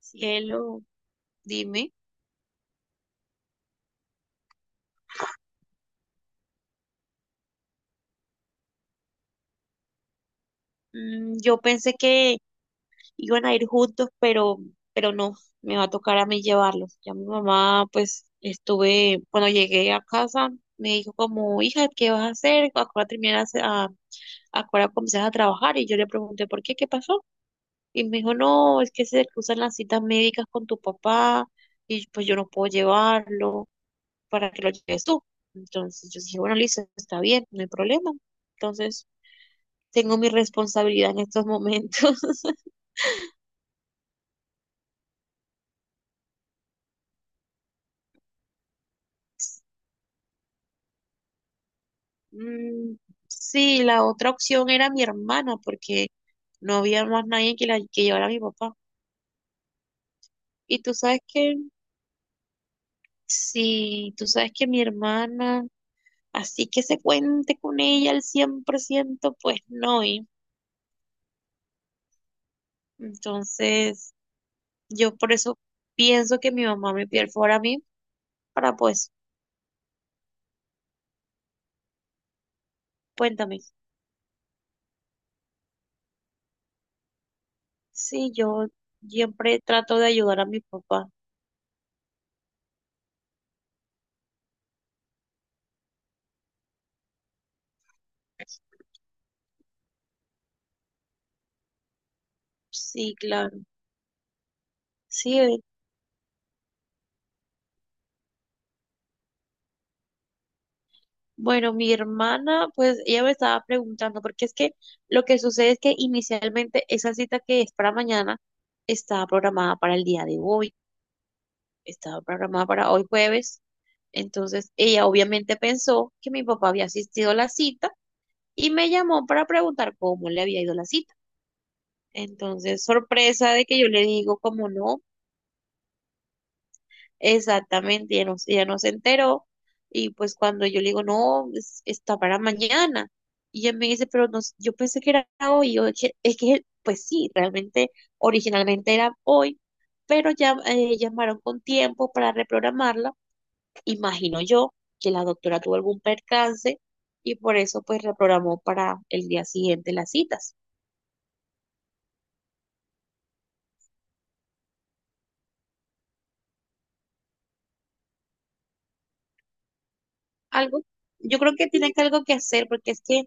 Cielo, dime. Yo pensé que iban a ir juntos, pero no, me va a tocar a mí llevarlos. Ya mi mamá, pues, estuve, cuando llegué a casa, me dijo como, hija, ¿qué vas a hacer? Ahora comienzas a trabajar? Y yo le pregunté, ¿por qué? ¿Qué pasó? Y me dijo, no, es que se cruzan las citas médicas con tu papá y pues yo no puedo llevarlo para que lo lleves tú. Entonces yo dije, bueno, listo, está bien, no hay problema. Entonces tengo mi responsabilidad en estos momentos. Mm. Sí, la otra opción era mi hermana, porque no había más nadie que llevara a mi papá. Y tú sabes que, sí, tú sabes que mi hermana, así que se cuente con ella al 100% pues no. Y entonces, yo por eso pienso que mi mamá me perfora a mí, para pues, cuéntame. Sí, yo siempre trato de ayudar a mi papá. Sí, claro. Sí, bueno, mi hermana, pues ella me estaba preguntando, porque es que lo que sucede es que inicialmente esa cita que es para mañana estaba programada para el día de hoy, estaba programada para hoy jueves. Entonces ella obviamente pensó que mi papá había asistido a la cita y me llamó para preguntar cómo le había ido la cita. Entonces, sorpresa de que yo le digo, como no. Exactamente, ella no se enteró y pues cuando yo le digo, no, está para mañana, y ella me dice, pero no, yo pensé que era hoy, y yo, "Es que, pues sí, realmente originalmente era hoy, pero ya llamaron con tiempo para reprogramarla, imagino yo que la doctora tuvo algún percance y por eso pues reprogramó para el día siguiente las citas. Algo, yo creo que tiene que algo que hacer, porque es que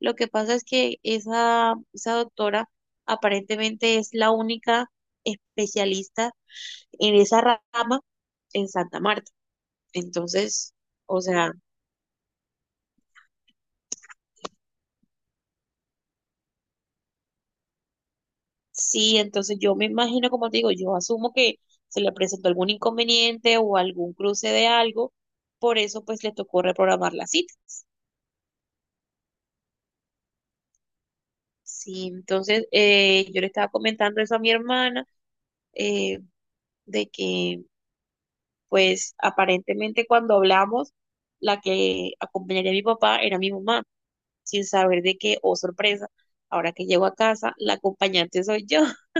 lo que pasa es que esa doctora aparentemente es la única especialista en esa rama en Santa Marta. Entonces, o sea, sí, entonces yo me imagino, como te digo, yo asumo que se le presentó algún inconveniente o algún cruce de algo, por eso pues le tocó reprogramar la cita. Sí, entonces yo le estaba comentando eso a mi hermana, eh, de que pues aparentemente cuando hablamos, la que acompañaría a mi papá era mi mamá, sin saber de que, oh sorpresa, ahora que llego a casa, la acompañante soy yo.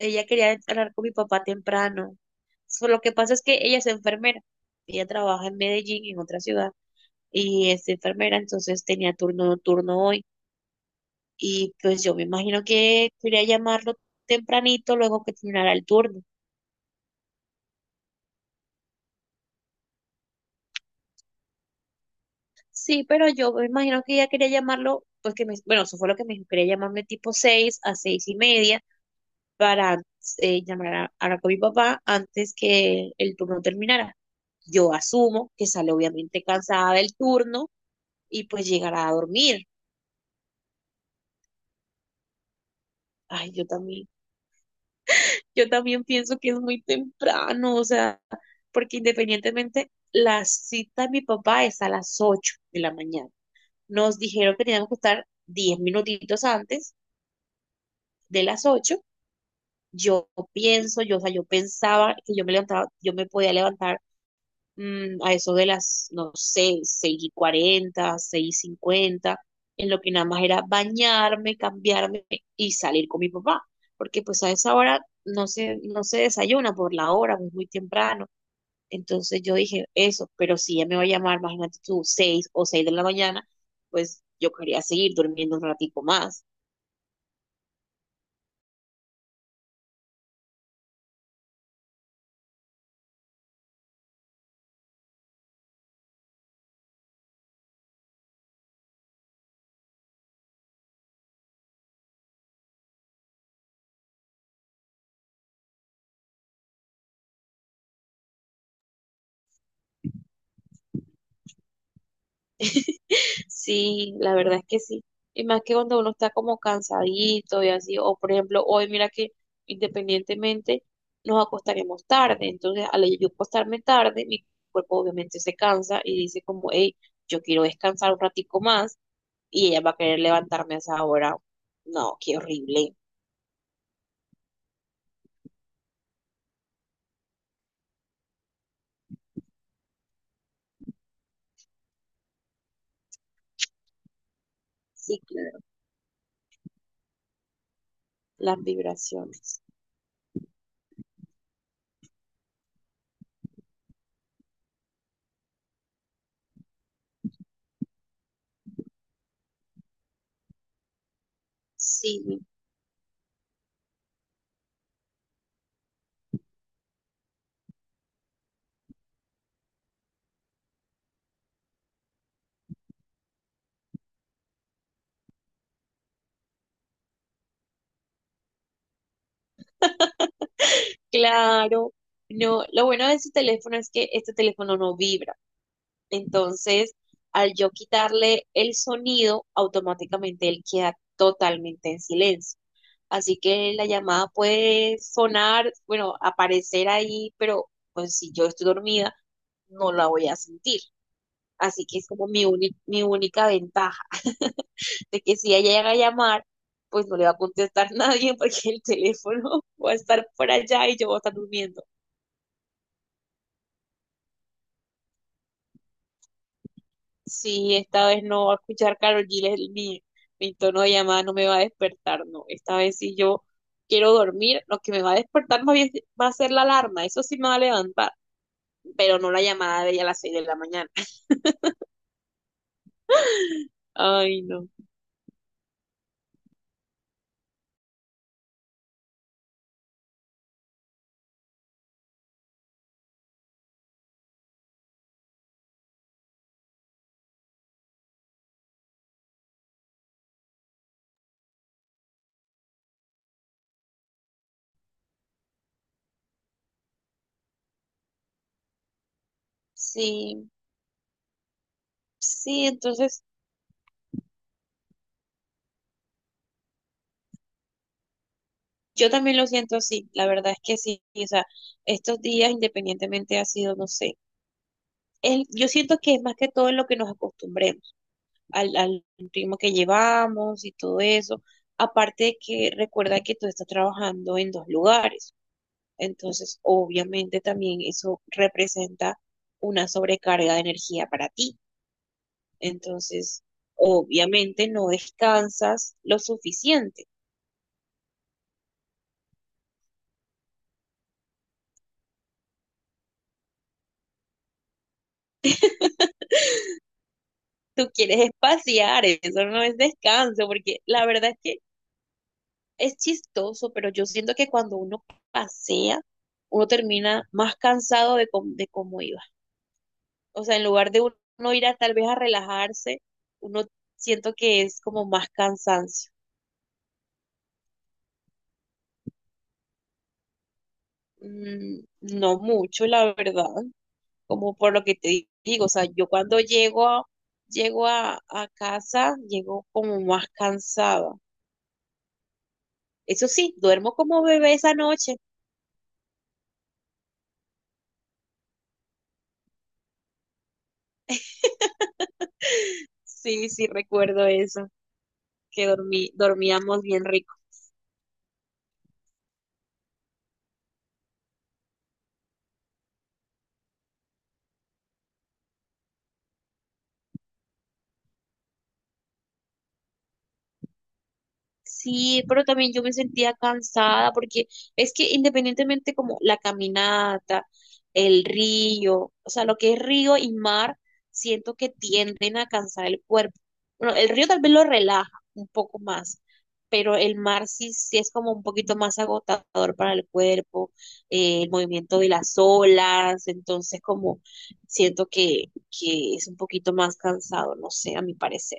Ella quería hablar con mi papá temprano. So, lo que pasa es que ella es enfermera, ella trabaja en Medellín, en otra ciudad, y es enfermera, entonces tenía turno nocturno hoy. Y pues yo me imagino que quería llamarlo tempranito luego que terminara el turno. Sí, pero yo me imagino que ella quería llamarlo, pues que me, bueno, eso fue lo que me dijo, quería llamarme tipo 6 a 6:30 para llamar a, hablar con mi papá antes que el turno terminara. Yo asumo que sale obviamente cansada del turno y pues llegará a dormir. Ay, yo también pienso que es muy temprano, o sea, porque independientemente la cita de mi papá es a las 8 de la mañana. Nos dijeron que teníamos que estar 10 minutitos antes de las 8. Yo pienso, yo, o sea, yo pensaba que yo me levantaba, yo me podía levantar mm, a eso de las, no sé, seis y 40, 6:50, en lo que nada más era bañarme, cambiarme y salir con mi papá, porque pues a esa hora no se, no se desayuna por la hora, es muy temprano. Entonces yo dije eso, pero si ella me va a llamar, imagínate tú, 6 o 6 de la mañana, pues yo quería seguir durmiendo un ratico más. Sí, la verdad es que sí. Y más que cuando uno está como cansadito y así, o por ejemplo, hoy mira que independientemente nos acostaremos tarde, entonces al yo acostarme tarde, mi cuerpo obviamente se cansa y dice como, hey, yo quiero descansar un ratico más y ella va a querer levantarme a esa hora. No, qué horrible. Sí, claro, las vibraciones. Sí, claro. No, lo bueno de este teléfono es que este teléfono no vibra. Entonces, al yo quitarle el sonido, automáticamente él queda totalmente en silencio. Así que la llamada puede sonar, bueno, aparecer ahí, pero pues si yo estoy dormida, no la voy a sentir. Así que es como mi, mi única ventaja, de que si ella llega a llamar, pues no le va a contestar nadie porque el teléfono va a estar por allá y yo voy a estar durmiendo. Sí, esta vez no va a escuchar Karol G. Mi tono de llamada no me va a despertar, no. Esta vez si yo quiero dormir, lo que me va a despertar más bien va a ser la alarma, eso sí me va a levantar, pero no la llamada de ella a las 6 de la mañana. Ay, no. Sí, sí, entonces yo también lo siento así, la verdad es que sí, o sea, estos días independientemente ha sido, no sé, yo siento que es más que todo en lo que nos acostumbremos. Al ritmo que llevamos y todo eso. Aparte de que recuerda que tú estás trabajando en dos lugares, entonces obviamente también eso representa una sobrecarga de energía para ti. Entonces, obviamente no descansas lo suficiente. Tú quieres espaciar, eso no es descanso, porque la verdad es que es chistoso, pero yo siento que cuando uno pasea, uno termina más cansado de, de cómo iba. O sea, en lugar de uno ir a tal vez a relajarse, uno siento que es como más cansancio. No mucho, la verdad, como por lo que te digo, o sea, yo cuando llego a casa, llego como más cansada. Eso sí, duermo como bebé esa noche. Sí, sí, recuerdo eso, que dormí, dormíamos bien rico. Sí, pero también yo me sentía cansada porque es que independientemente como la caminata, el río, o sea, lo que es río y mar, siento que tienden a cansar el cuerpo. Bueno, el río tal vez lo relaja un poco más, pero el mar sí, sí es como un poquito más agotador para el cuerpo, el movimiento de las olas, entonces como siento que es un poquito más cansado, no sé, a mi parecer.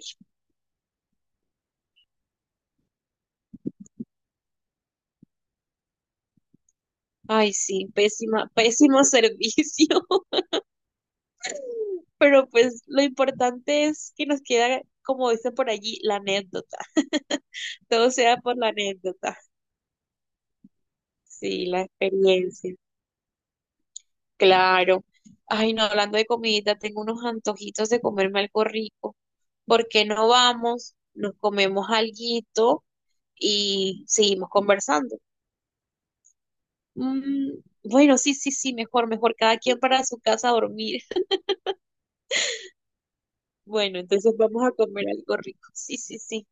Ay, sí, pésima, pésimo servicio, pero pues lo importante es que nos queda, como dice por allí, la anécdota. Todo sea por la anécdota. Sí, la experiencia. Claro. Ay, no, hablando de comidita, tengo unos antojitos de comerme algo rico. ¿Por qué no vamos? Nos comemos alguito y seguimos conversando. Mm, bueno, sí, sí, sí, mejor, mejor cada quien para su casa a dormir. Bueno, entonces vamos a comer algo rico. Sí, sí, sí.